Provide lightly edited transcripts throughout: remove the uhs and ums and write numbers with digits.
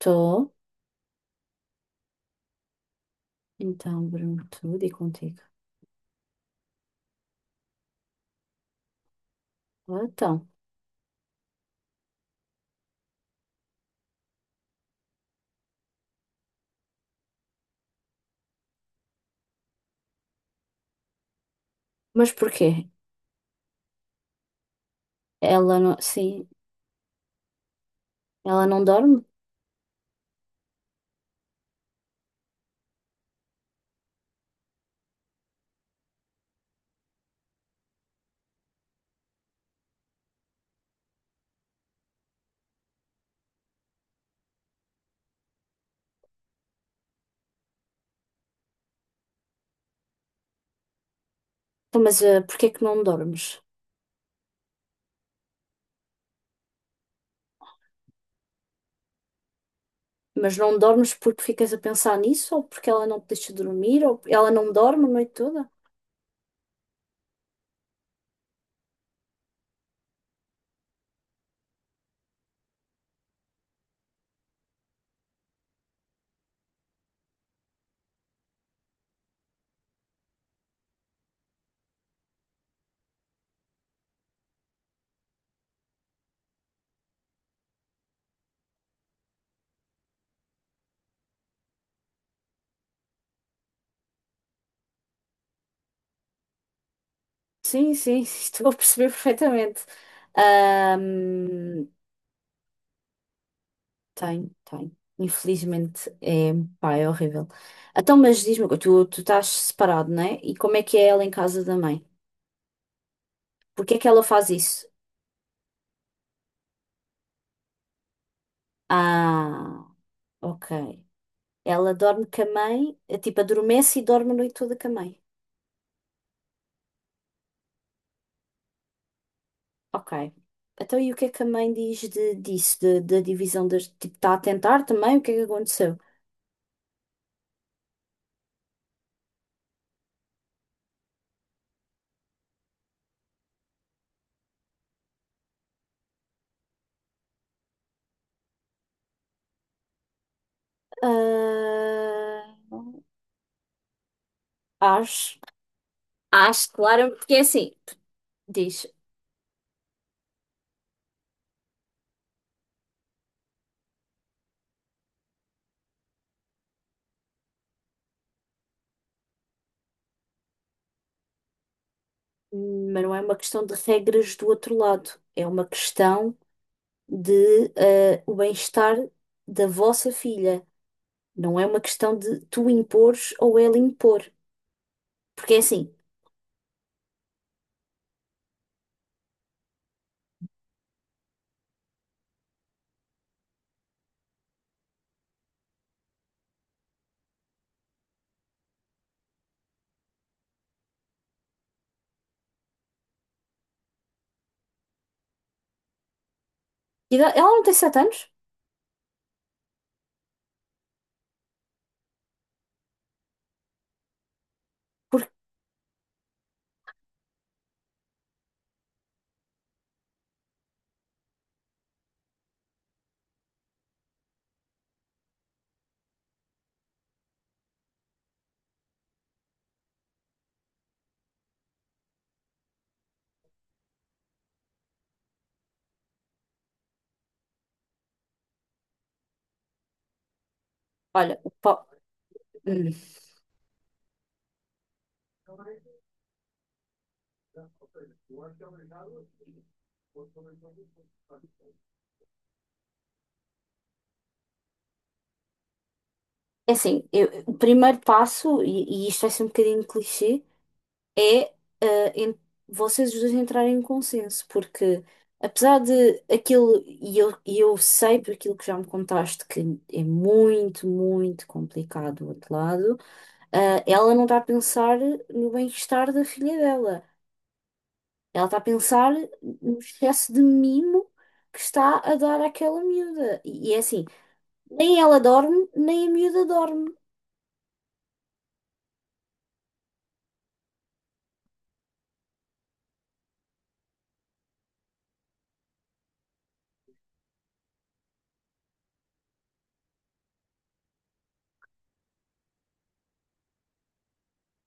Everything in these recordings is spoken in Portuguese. Estou. Então, Bruno, tudo e contigo. Ah, então. Mas porquê? Ela não. Sim, ela não dorme? Então, mas porquê que não dormes? Mas não dormes porque ficas a pensar nisso? Ou porque ela não te deixa dormir? Ou ela não dorme a noite toda? Sim, sim, estou a perceber perfeitamente. Ahm, Tem, tem. Infelizmente é, pá, é horrível. Então, mas diz-me, uma coisa, tu estás separado, não é? E como é que é ela em casa da mãe? Porque é que ela faz isso? Ah. Ok. Ela dorme com a mãe, tipo, adormece e dorme a noite toda com a mãe. Ok. Então, e o que é que a mãe diz disso, da divisão das. Tipo, está a tentar também? O que é que aconteceu? Ah, acho. Acho, claro, porque é assim. Diz, mas não é uma questão de regras do outro lado. É uma questão de o bem-estar da vossa filha. Não é uma questão de tu impores ou ela impor. Porque é assim. Ela não tem 7 anos? Porque, olha, hum, é assim, o primeiro passo, e isto vai ser um bocadinho clichê, é ah, en- vocês os dois entrarem em consenso, porque apesar de aquilo, e eu sei por aquilo que já me contaste que é muito, muito complicado do outro lado, ela não está a pensar no bem-estar da filha dela. Ela está a pensar no excesso de mimo que está a dar àquela miúda. E é assim, nem ela dorme, nem a miúda dorme.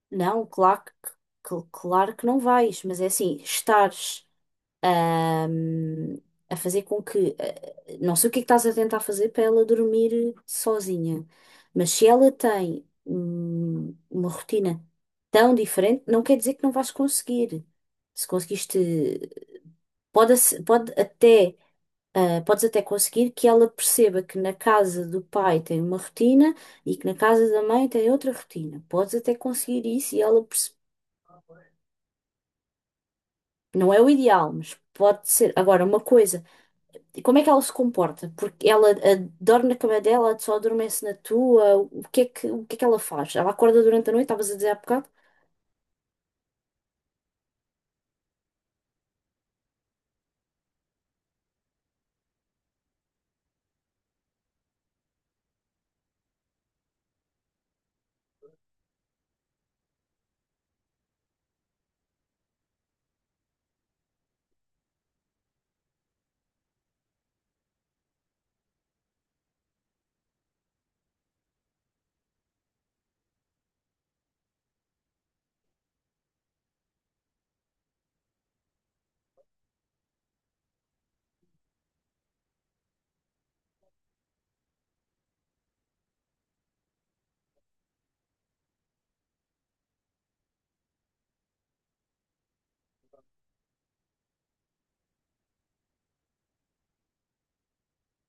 Não, claro que, claro que não vais, mas é assim, estares ahm, a fazer com que. Não sei o que é que estás a tentar fazer para ela dormir sozinha, mas se ela tem uma rotina tão diferente, não quer dizer que não vais conseguir. Se conseguiste. Pode até. Ah, podes até conseguir que ela perceba que na casa do pai tem uma rotina e que na casa da mãe tem outra rotina. Podes até conseguir isso e não é o ideal, mas pode ser. Agora, uma coisa, e como é que ela se comporta? Porque dorme na cama dela, só adormece na tua, o que é que ela faz? Ela acorda durante a noite, estavas a dizer há bocado?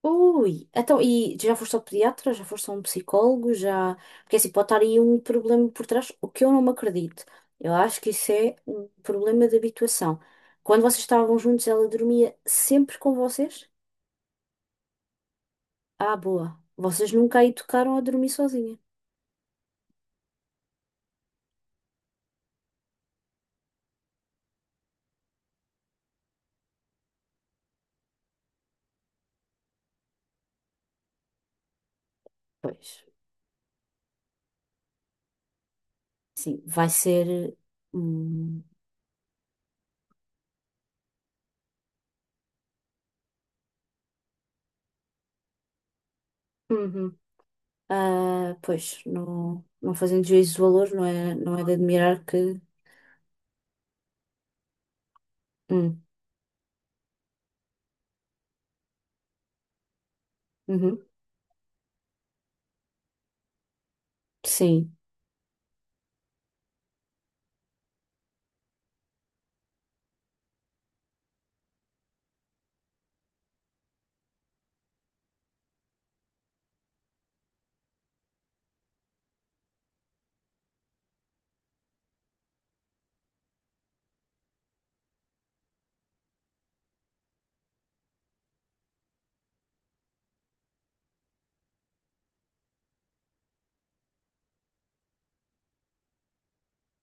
Ui, então, e já foste ao pediatra? Já foste a um psicólogo? Já. Porque é assim, pode estar aí um problema por trás, o que eu não me acredito. Eu acho que isso é um problema de habituação. Quando vocês estavam juntos, ela dormia sempre com vocês? Ah, boa. Vocês nunca aí tocaram a dormir sozinha. Pois, sim, vai ser. hum, uhum. Ah, pois, não, não fazendo juízo de valor, não é, não é de admirar que. hum, uhum. Sim,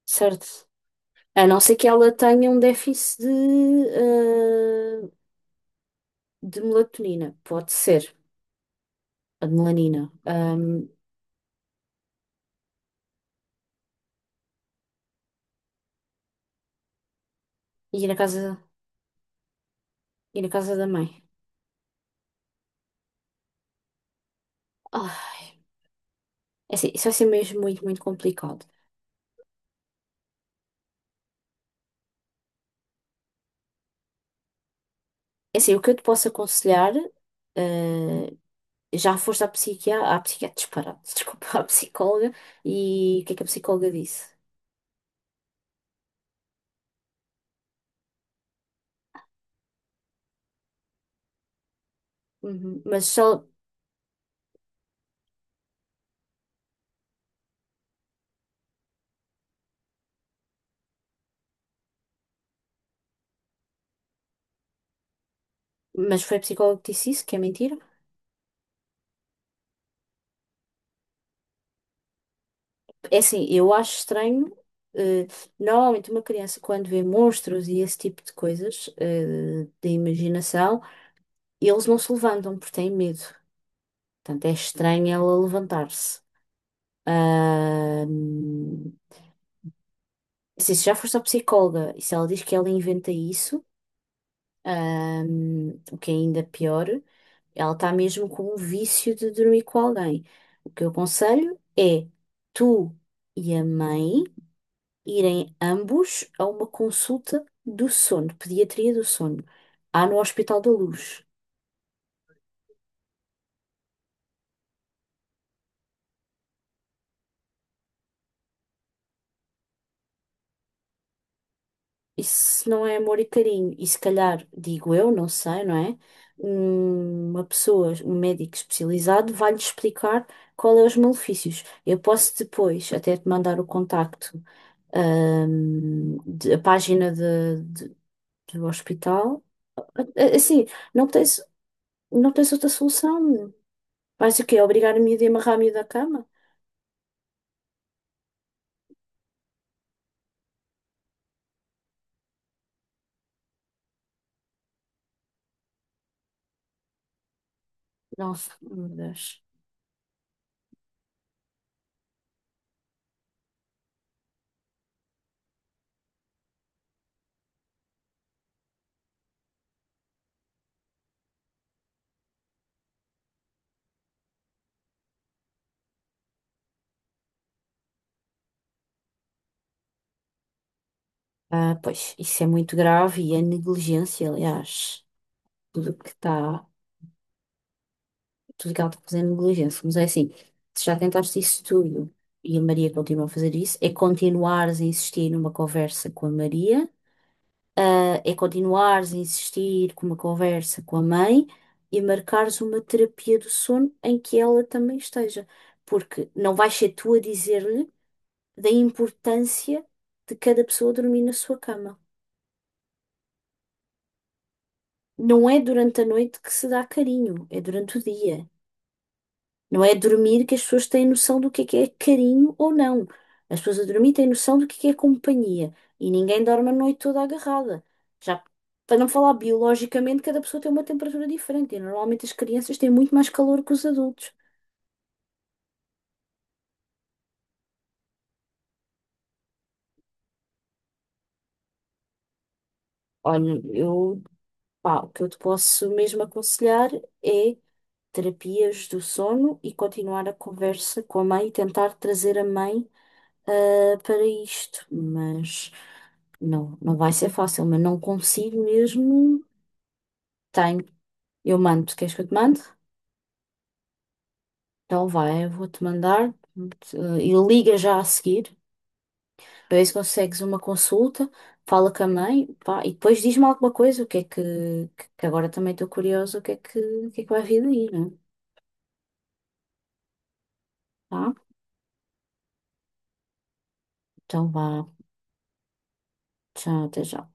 certo. A não ser que ela tenha um déficit de, eh, de melatonina. Pode ser. A de melanina. E na casa, e na casa da mãe. Ah, é assim, isso vai ser mesmo muito, muito complicado. É assim, o que eu te posso aconselhar, eh, já foste à psiquiatra, disparado, desculpa, à psicóloga, e o que é que a psicóloga disse? Uhum, mas, só, mas foi a psicóloga que disse isso, que é mentira? É assim, eu acho estranho. eh, Normalmente, uma criança, quando vê monstros e esse tipo de coisas, da imaginação, eles não se levantam porque têm medo. Portanto, é estranho ela levantar-se. Ahm, assim, se já foste à psicóloga e se ela diz que ela inventa isso, o que é ainda pior, ela está mesmo com um vício de dormir com alguém. O que eu aconselho é tu e a mãe. Irem ambos a uma consulta do sono, pediatria do sono, há no Hospital da Luz. Isso não é amor e carinho. E se calhar, digo eu, não sei, não é? Uma pessoa, um médico especializado, vai-lhe explicar qual é os malefícios. Eu posso depois até te mandar o contacto, a página do hospital. Assim, não tens, não tens outra solução. Vais o quê? Obrigar a miúda a amarrar a miúda à cama? Nossa, meu Deus. Ah, pois, isso é muito grave e é negligência, aliás. Tudo que está, tudo que ela está fazendo é negligência. Mas é assim, se já tentaste isso tudo e a Maria continua a fazer isso, é continuares a insistir numa conversa com a Maria, é continuares a insistir com uma conversa com a mãe e marcares uma terapia do sono em que ela também esteja. Porque não vais ser tu a dizer-lhe da importância de cada pessoa dormir na sua cama. Não é durante a noite que se dá carinho, é durante o dia. Não é a dormir que as pessoas têm noção do que é carinho ou não. As pessoas a dormir têm noção do que é companhia. E ninguém dorme a noite toda agarrada. Já para não falar biologicamente, cada pessoa tem uma temperatura diferente. E normalmente as crianças têm muito mais calor que os adultos. Olha, eu, pá, o que eu te posso mesmo aconselhar é terapias do sono e continuar a conversa com a mãe e tentar trazer a mãe para isto, mas não, não vai ser fácil, mas não consigo mesmo. Tenho, eu mando, queres que eu te mande? Então vai, eu vou-te mandar e liga já a seguir para ver se consegues uma consulta, fala com a mãe, pá, e depois diz-me alguma coisa, o que é que, que agora também estou curiosa, o que é que vai vir daí, né? Tá? Então vá, tchau, até já.